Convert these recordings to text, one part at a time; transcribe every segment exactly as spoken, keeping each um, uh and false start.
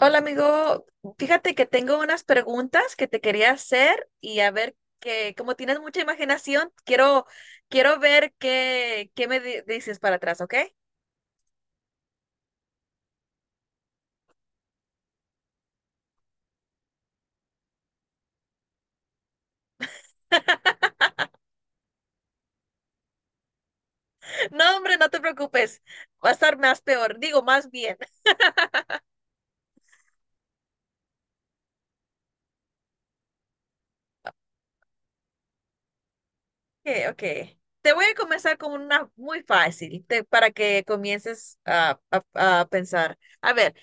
Hola amigo, fíjate que tengo unas preguntas que te quería hacer y a ver que como tienes mucha imaginación, quiero quiero ver qué, qué me di- dices para atrás, ¿ok? No, hombre, no te preocupes, va a estar más peor, digo más bien. Okay. Ok. Te voy a comenzar con una muy fácil te- para que comiences a, a- a pensar. A ver,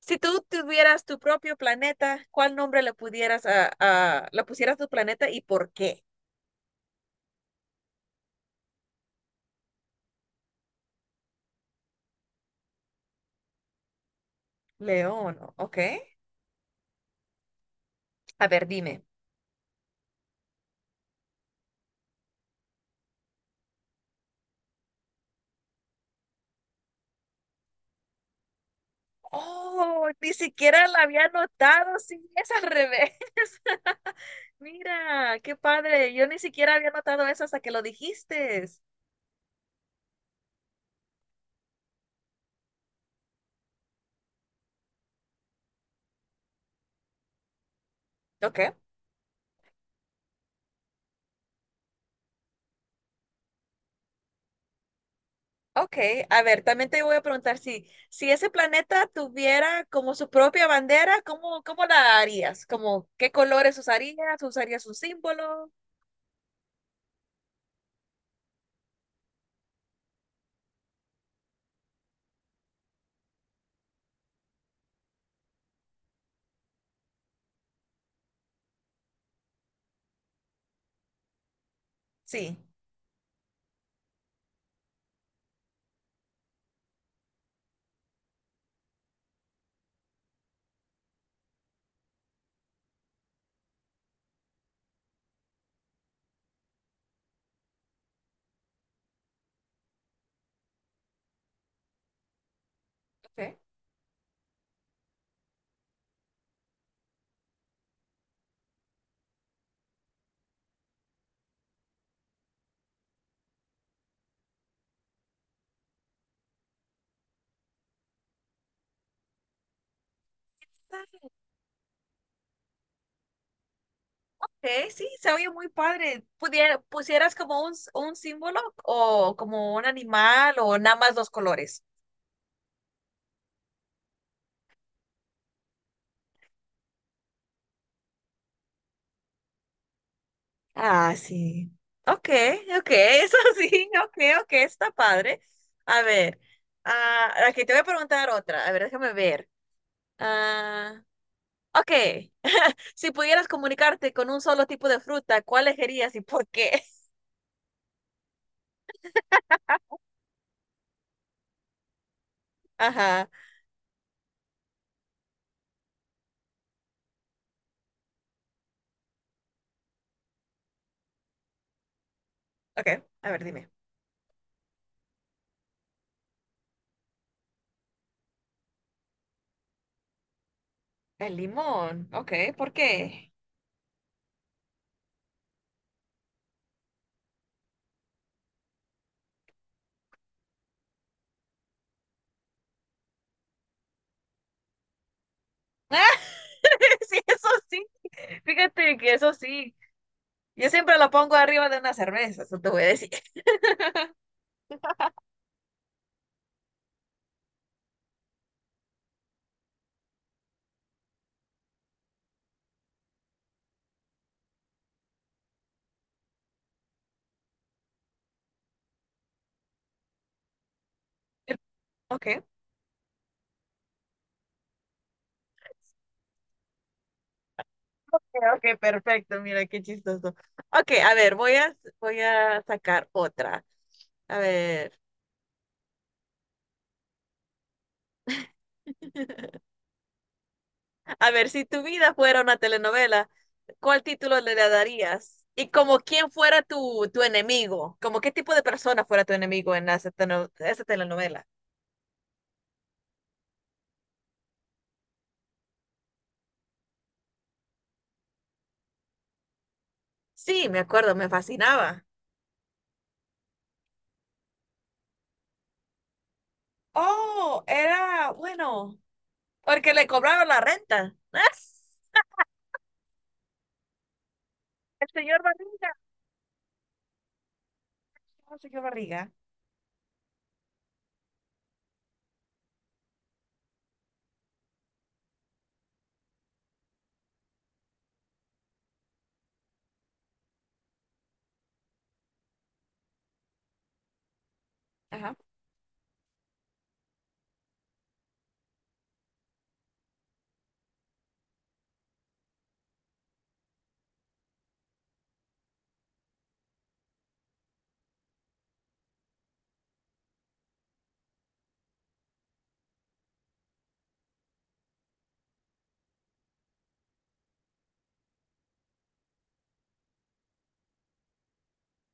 si tú tuvieras tu propio planeta, ¿cuál nombre le pudieras a, a- le pusieras a tu planeta y por qué? León, ¿ok? A ver, dime. Oh, ni siquiera la había notado. Sí, es al revés. Mira, qué padre. Yo ni siquiera había notado eso hasta que lo dijiste. Ok, ok. A ver, también te voy a preguntar si, si ese planeta tuviera como su propia bandera, ¿cómo, cómo la harías? Como, ¿qué colores usarías? ¿Usarías un símbolo? Sí. Ok. Ok, sí, se oye muy padre. Pudiera, pusieras como un, un símbolo o como un animal o nada más dos colores. Ah, sí. Ok, ok, eso sí, ok, ok, está padre. A ver, ah, aquí te voy a preguntar otra. A ver, déjame ver. Ah, ok, si pudieras comunicarte con un solo tipo de fruta, ¿cuál elegirías y por qué? Ajá, ok, a ver, dime. El limón, ok, ¿por qué? Ah, sí, eso sí, fíjate que eso sí. Yo siempre lo pongo arriba de una cerveza, eso te voy a decir. Ok, ok, perfecto, mira qué chistoso. Ok, a ver, voy a, voy a sacar otra. A ver, a ver, si tu vida fuera una telenovela, ¿cuál título le darías? Y como quién fuera tu, tu enemigo, como qué tipo de persona fuera tu enemigo en esa, teno- esa telenovela. Sí, me acuerdo, me fascinaba. Oh, era bueno, porque le cobraron la renta. ¡Ah! El señor Barriga. El señor Barriga. Ajá.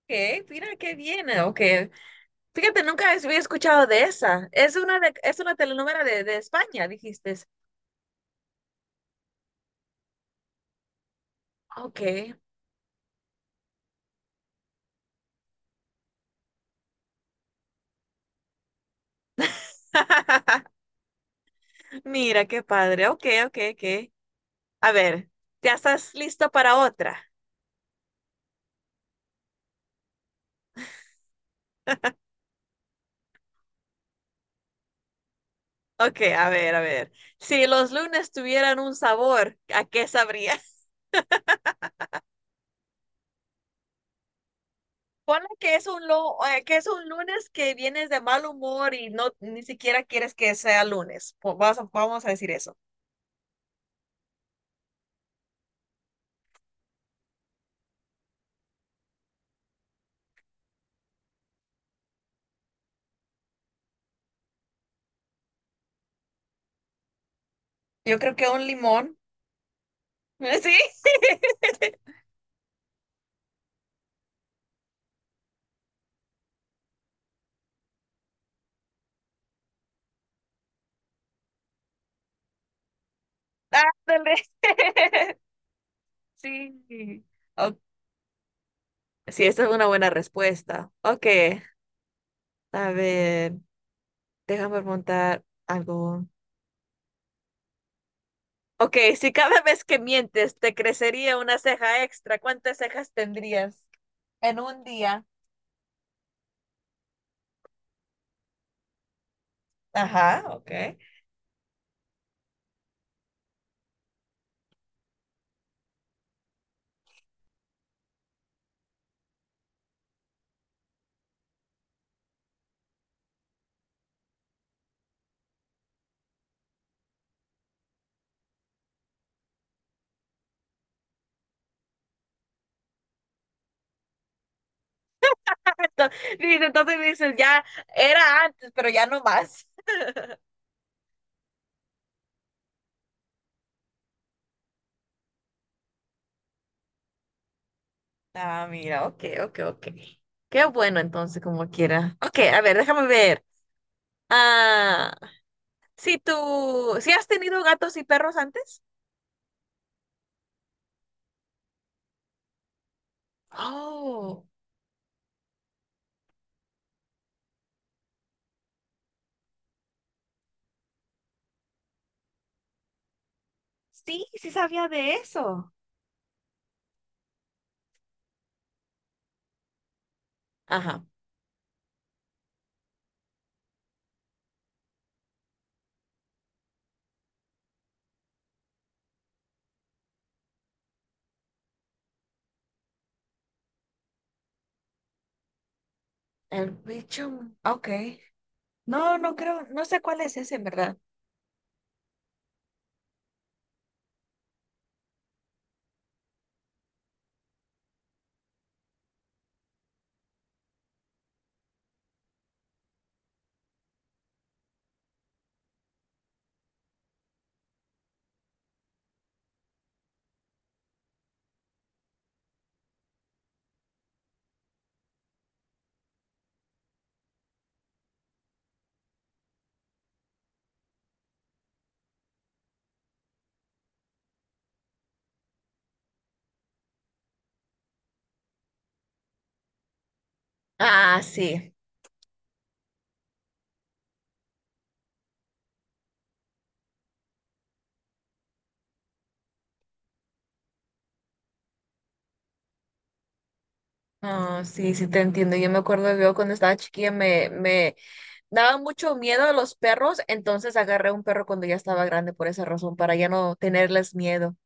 Ok, mira qué bien. Ok, fíjate, nunca es- había escuchado de esa. Es una, de- es una telenovela de, de España, dijiste. Ok. Mira, qué padre. Ok, ok, ok. A ver, ¿ya estás listo para otra? Ok, a ver, a ver. Si los lunes tuvieran un sabor, ¿a qué sabría? Ponle que es un lo, eh, que es un lunes que vienes de mal humor y no ni siquiera quieres que sea lunes. Po- Vamos a, vamos a decir eso. Yo creo que un limón. Sí, ándale. Sí. O- sí, esta es una buena respuesta. Ok, a ver, déjame preguntar algo. Ok, si cada vez que mientes te crecería una ceja extra, ¿cuántas cejas tendrías en un día? Ajá, ok. Ento- Dice, entonces dices, ya era antes, pero ya no más. Ah, mira, ok, ok, ok. Qué bueno entonces, como quiera. Ok, a ver, déjame ver. Ah, si tú, ¿si has tenido gatos y perros antes? Oh. Sí, sí sabía de eso. Ajá, el bicho, ok. No, no creo, no sé cuál es ese, en verdad. Ah, sí. Ah, sí, sí te entiendo. Yo me acuerdo yo cuando estaba chiquilla me, me daba mucho miedo a los perros, entonces agarré un perro cuando ya estaba grande por esa razón, para ya no tenerles miedo.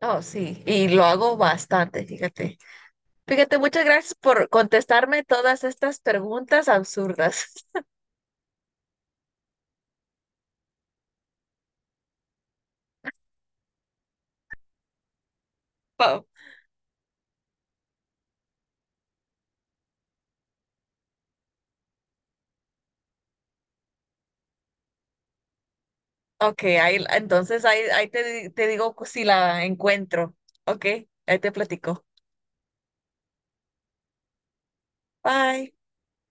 Oh, sí, y lo hago bastante, fíjate. Fíjate, muchas gracias por contestarme todas estas preguntas absurdas. Ok, ahí, entonces ahí, ahí te, di- te digo si la encuentro. Ok, ahí te platico. Bye.